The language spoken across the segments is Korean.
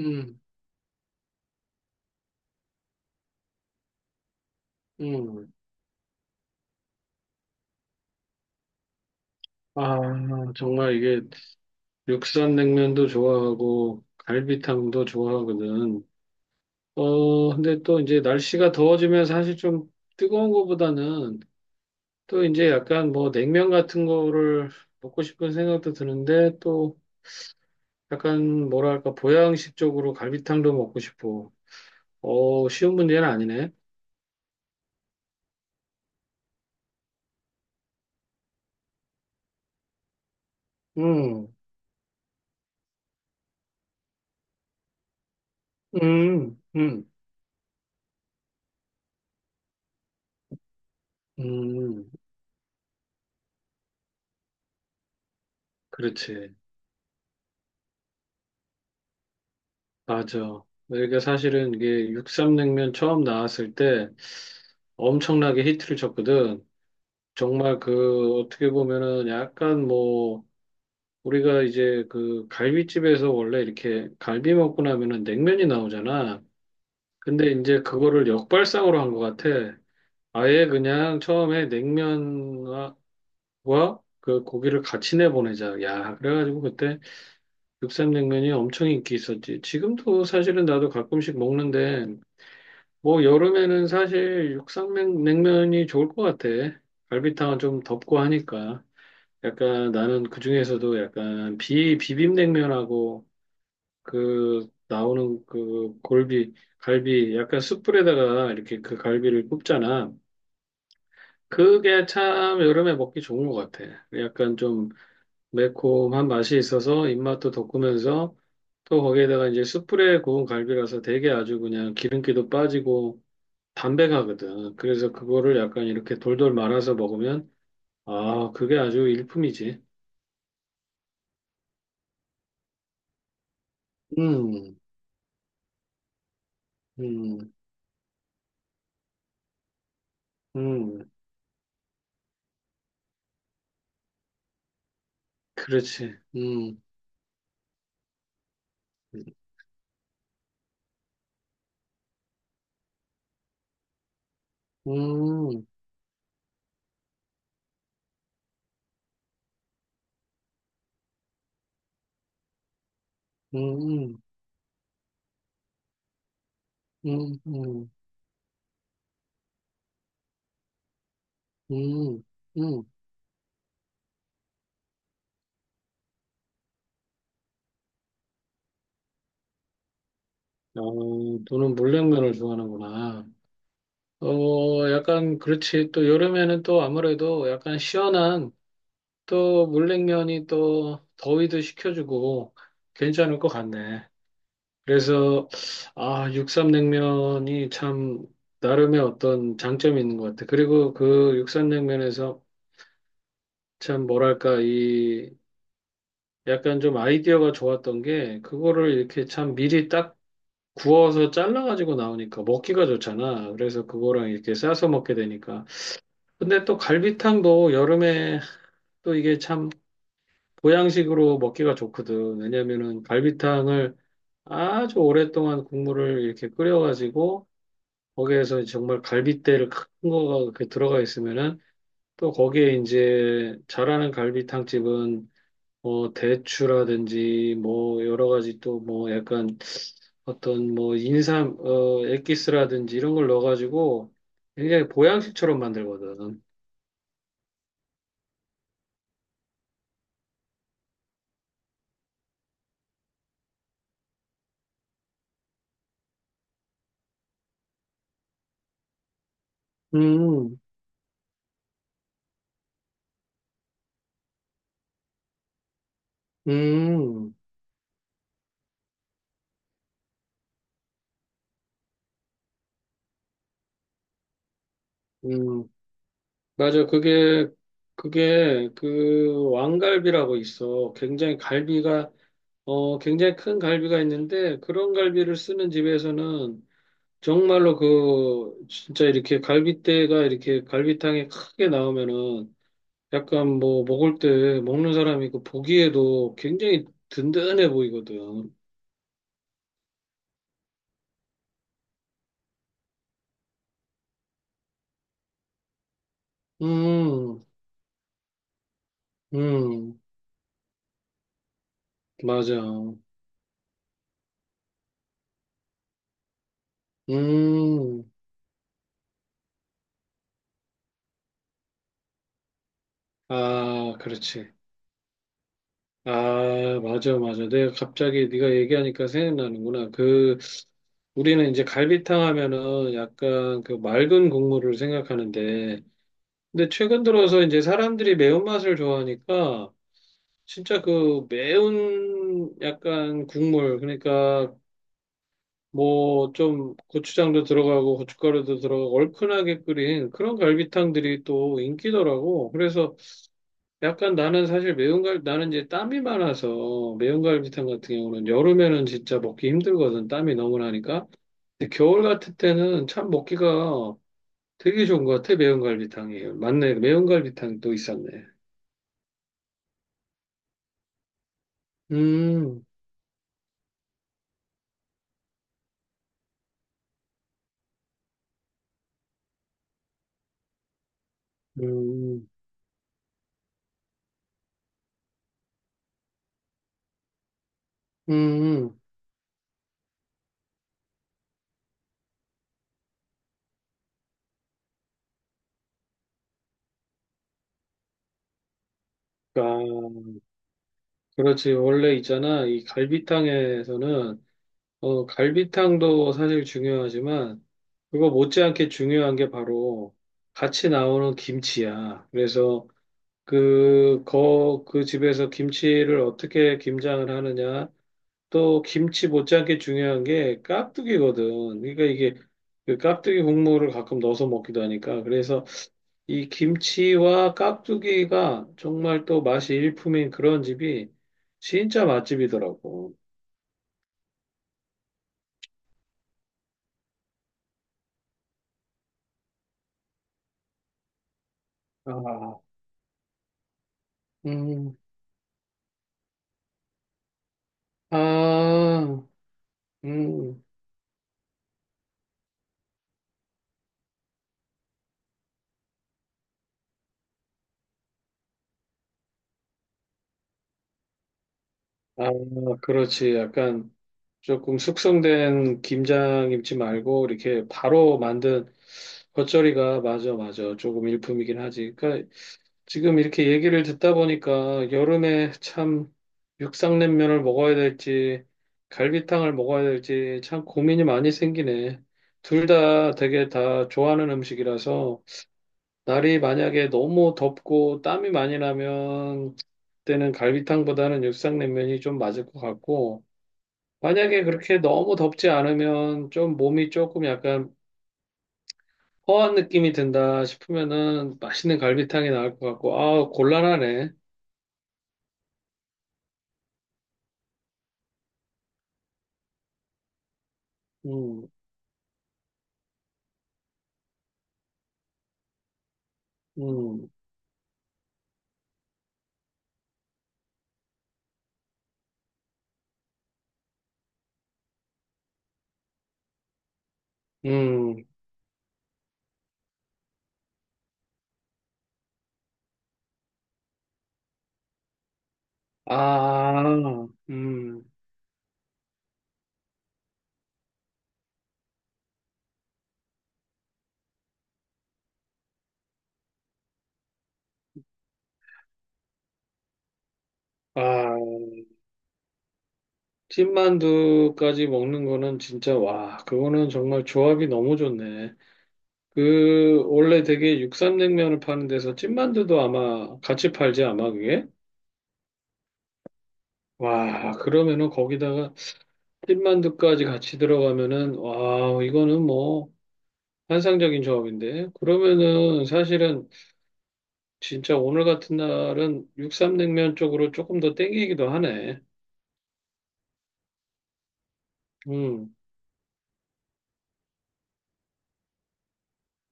음, 음. 아, 정말 이게 육산냉면도 좋아하고 갈비탕도 좋아하거든. 어, 근데 또 이제 날씨가 더워지면 사실 좀 뜨거운 거보다는 또 이제 약간 뭐 냉면 같은 거를 먹고 싶은 생각도 드는데 또 약간 뭐랄까 보양식 쪽으로 갈비탕도 먹고 싶고. 어, 쉬운 문제는 아니네. 음, 음, 음, 음, 그렇지. 맞아. 내가 사실은 이게 육삼냉면 처음 나왔을 때 엄청나게 히트를 쳤거든. 정말 그 어떻게 보면은 약간 뭐 우리가 이제 그 갈비집에서 원래 이렇게 갈비 먹고 나면은 냉면이 나오잖아. 근데 이제 그거를 역발상으로 한 것 같아. 아예 그냥 처음에 냉면과 그 고기를 같이 내보내자. 야, 그래가지고 그때 육삼냉면이 엄청 인기 있었지. 지금도 사실은 나도 가끔씩 먹는데 뭐 여름에는 사실 육상냉면이 좋을 것 같아. 갈비탕은 좀 덥고 하니까. 약간 나는 그중에서도 약간 비 비빔냉면하고 그 나오는 그 골비 갈비 약간 숯불에다가 이렇게 그 갈비를 굽잖아. 그게 참 여름에 먹기 좋은 것 같아. 약간 좀 매콤한 맛이 있어서 입맛도 돋구면서 또 거기에다가 이제 숯불에 구운 갈비라서 되게 아주 그냥 기름기도 빠지고 담백하거든. 그래서 그거를 약간 이렇게 돌돌 말아서 먹으면, 아, 그게 아주 일품이지. 음, 음, 음, 그렇지. 음, 음, 음, 음, 음, 음. 음. 어, 너는 물냉면을 좋아하는구나. 어, 약간 그렇지. 또 여름에는 또 아무래도 약간 시원한 또 물냉면이 또 더위도 식혀주고 괜찮을 것 같네. 그래서 아, 육삼냉면이 참 나름의 어떤 장점이 있는 것 같아. 그리고 그 육삼냉면에서 참 뭐랄까 이 약간 좀 아이디어가 좋았던 게 그거를 이렇게 참 미리 딱 구워서 잘라가지고 나오니까 먹기가 좋잖아. 그래서 그거랑 이렇게 싸서 먹게 되니까. 근데 또 갈비탕도 여름에 또 이게 참 보양식으로 먹기가 좋거든. 왜냐면은 갈비탕을 아주 오랫동안 국물을 이렇게 끓여가지고 거기에서 정말 갈빗대를 큰 거가 이렇게 들어가 있으면은 또 거기에 이제 잘하는 갈비탕집은 뭐 대추라든지 뭐 여러 가지 또 뭐 약간 어떤 뭐 인삼 어 엑기스라든지 이런 걸 넣어가지고 굉장히 보양식처럼 만들거든. 음, 음, 음, 맞아. 그게 그 왕갈비라고 있어. 굉장히 갈비가 어, 굉장히 큰 갈비가 있는데 그런 갈비를 쓰는 집에서는 정말로 그 진짜 이렇게 갈비대가 이렇게 갈비탕에 크게 나오면은 약간 뭐 먹을 때 먹는 사람이 그 보기에도 굉장히 든든해 보이거든. 음, 음, 맞아. 음, 아, 그렇지. 아, 맞아, 맞아. 내가 갑자기 네가 얘기하니까 생각나는구나. 그 우리는 이제 갈비탕 하면은 약간 그 맑은 국물을 생각하는데, 근데 최근 들어서 이제 사람들이 매운맛을 좋아하니까, 진짜 그 매운 약간 국물, 그러니까 뭐 좀 고추장도 들어가고 고춧가루도 들어가고 얼큰하게 끓인 그런 갈비탕들이 또 인기더라고. 그래서 약간 나는 사실 나는 이제 땀이 많아서 매운 갈비탕 같은 경우는 여름에는 진짜 먹기 힘들거든. 땀이 너무 나니까. 근데 겨울 같을 때는 참 먹기가 되게 좋은 것 같아, 매운갈비탕이. 맞네, 매운갈비탕도 있었네. 음, 음, 음. 아, 그렇지. 원래 있잖아. 이 갈비탕에서는, 어, 갈비탕도 사실 중요하지만, 그거 못지않게 중요한 게 바로 같이 나오는 김치야. 그래서 그 집에서 김치를 어떻게 김장을 하느냐, 또 김치 못지않게 중요한 게 깍두기거든. 그러니까 이게 그 깍두기 국물을 가끔 넣어서 먹기도 하니까. 그래서 이 김치와 깍두기가 정말 또 맛이 일품인 그런 집이 진짜 맛집이더라고. 아, 음, 아, 음, 아, 그렇지. 약간 조금 숙성된 김장김치 말고 이렇게 바로 만든 겉절이가 맞아, 맞아. 조금 일품이긴 하지. 그러니까 지금 이렇게 얘기를 듣다 보니까 여름에 참 육상냉면을 먹어야 될지 갈비탕을 먹어야 될지 참 고민이 많이 생기네. 둘 다 되게 다 좋아하는 음식이라서 날이 만약에 너무 덥고 땀이 많이 나면 그때는 갈비탕보다는 육상냉면이 좀 맞을 것 같고 만약에 그렇게 너무 덥지 않으면 좀 몸이 조금 약간 허한 느낌이 든다 싶으면은 맛있는 갈비탕이 나을 것 같고 아 곤란하네. 음. 음, 음, 아, 음, 아, 찐만두까지 먹는 거는 진짜, 와, 그거는 정말 조합이 너무 좋네. 그, 원래 되게 육삼냉면을 파는 데서 찐만두도 아마 같이 팔지, 아마 그게? 와, 그러면은 거기다가 찐만두까지 같이 들어가면은, 와, 이거는 뭐, 환상적인 조합인데. 그러면은 사실은 진짜 오늘 같은 날은 육삼냉면 쪽으로 조금 더 땡기기도 하네. 음.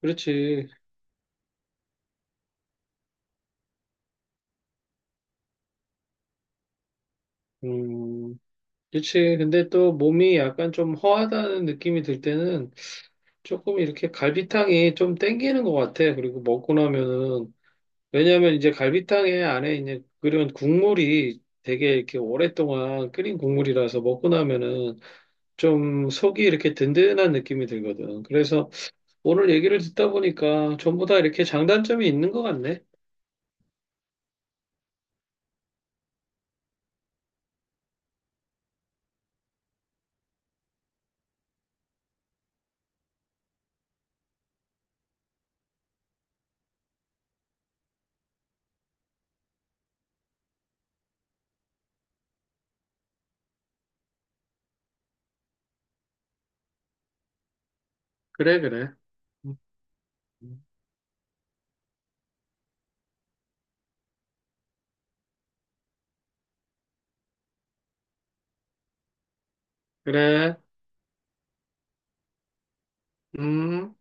그렇지. 음, 그렇지. 근데 또 몸이 약간 좀 허하다는 느낌이 들 때는 조금 이렇게 갈비탕이 좀 땡기는 것 같아. 그리고 먹고 나면은, 왜냐면 이제 갈비탕에 안에 이제 그런 국물이 되게 이렇게 오랫동안 끓인 국물이라서 먹고 나면은 좀 속이 이렇게 든든한 느낌이 들거든. 그래서 오늘 얘기를 듣다 보니까 전부 다 이렇게 장단점이 있는 것 같네. 그래, 그래. 음, 그래. 음.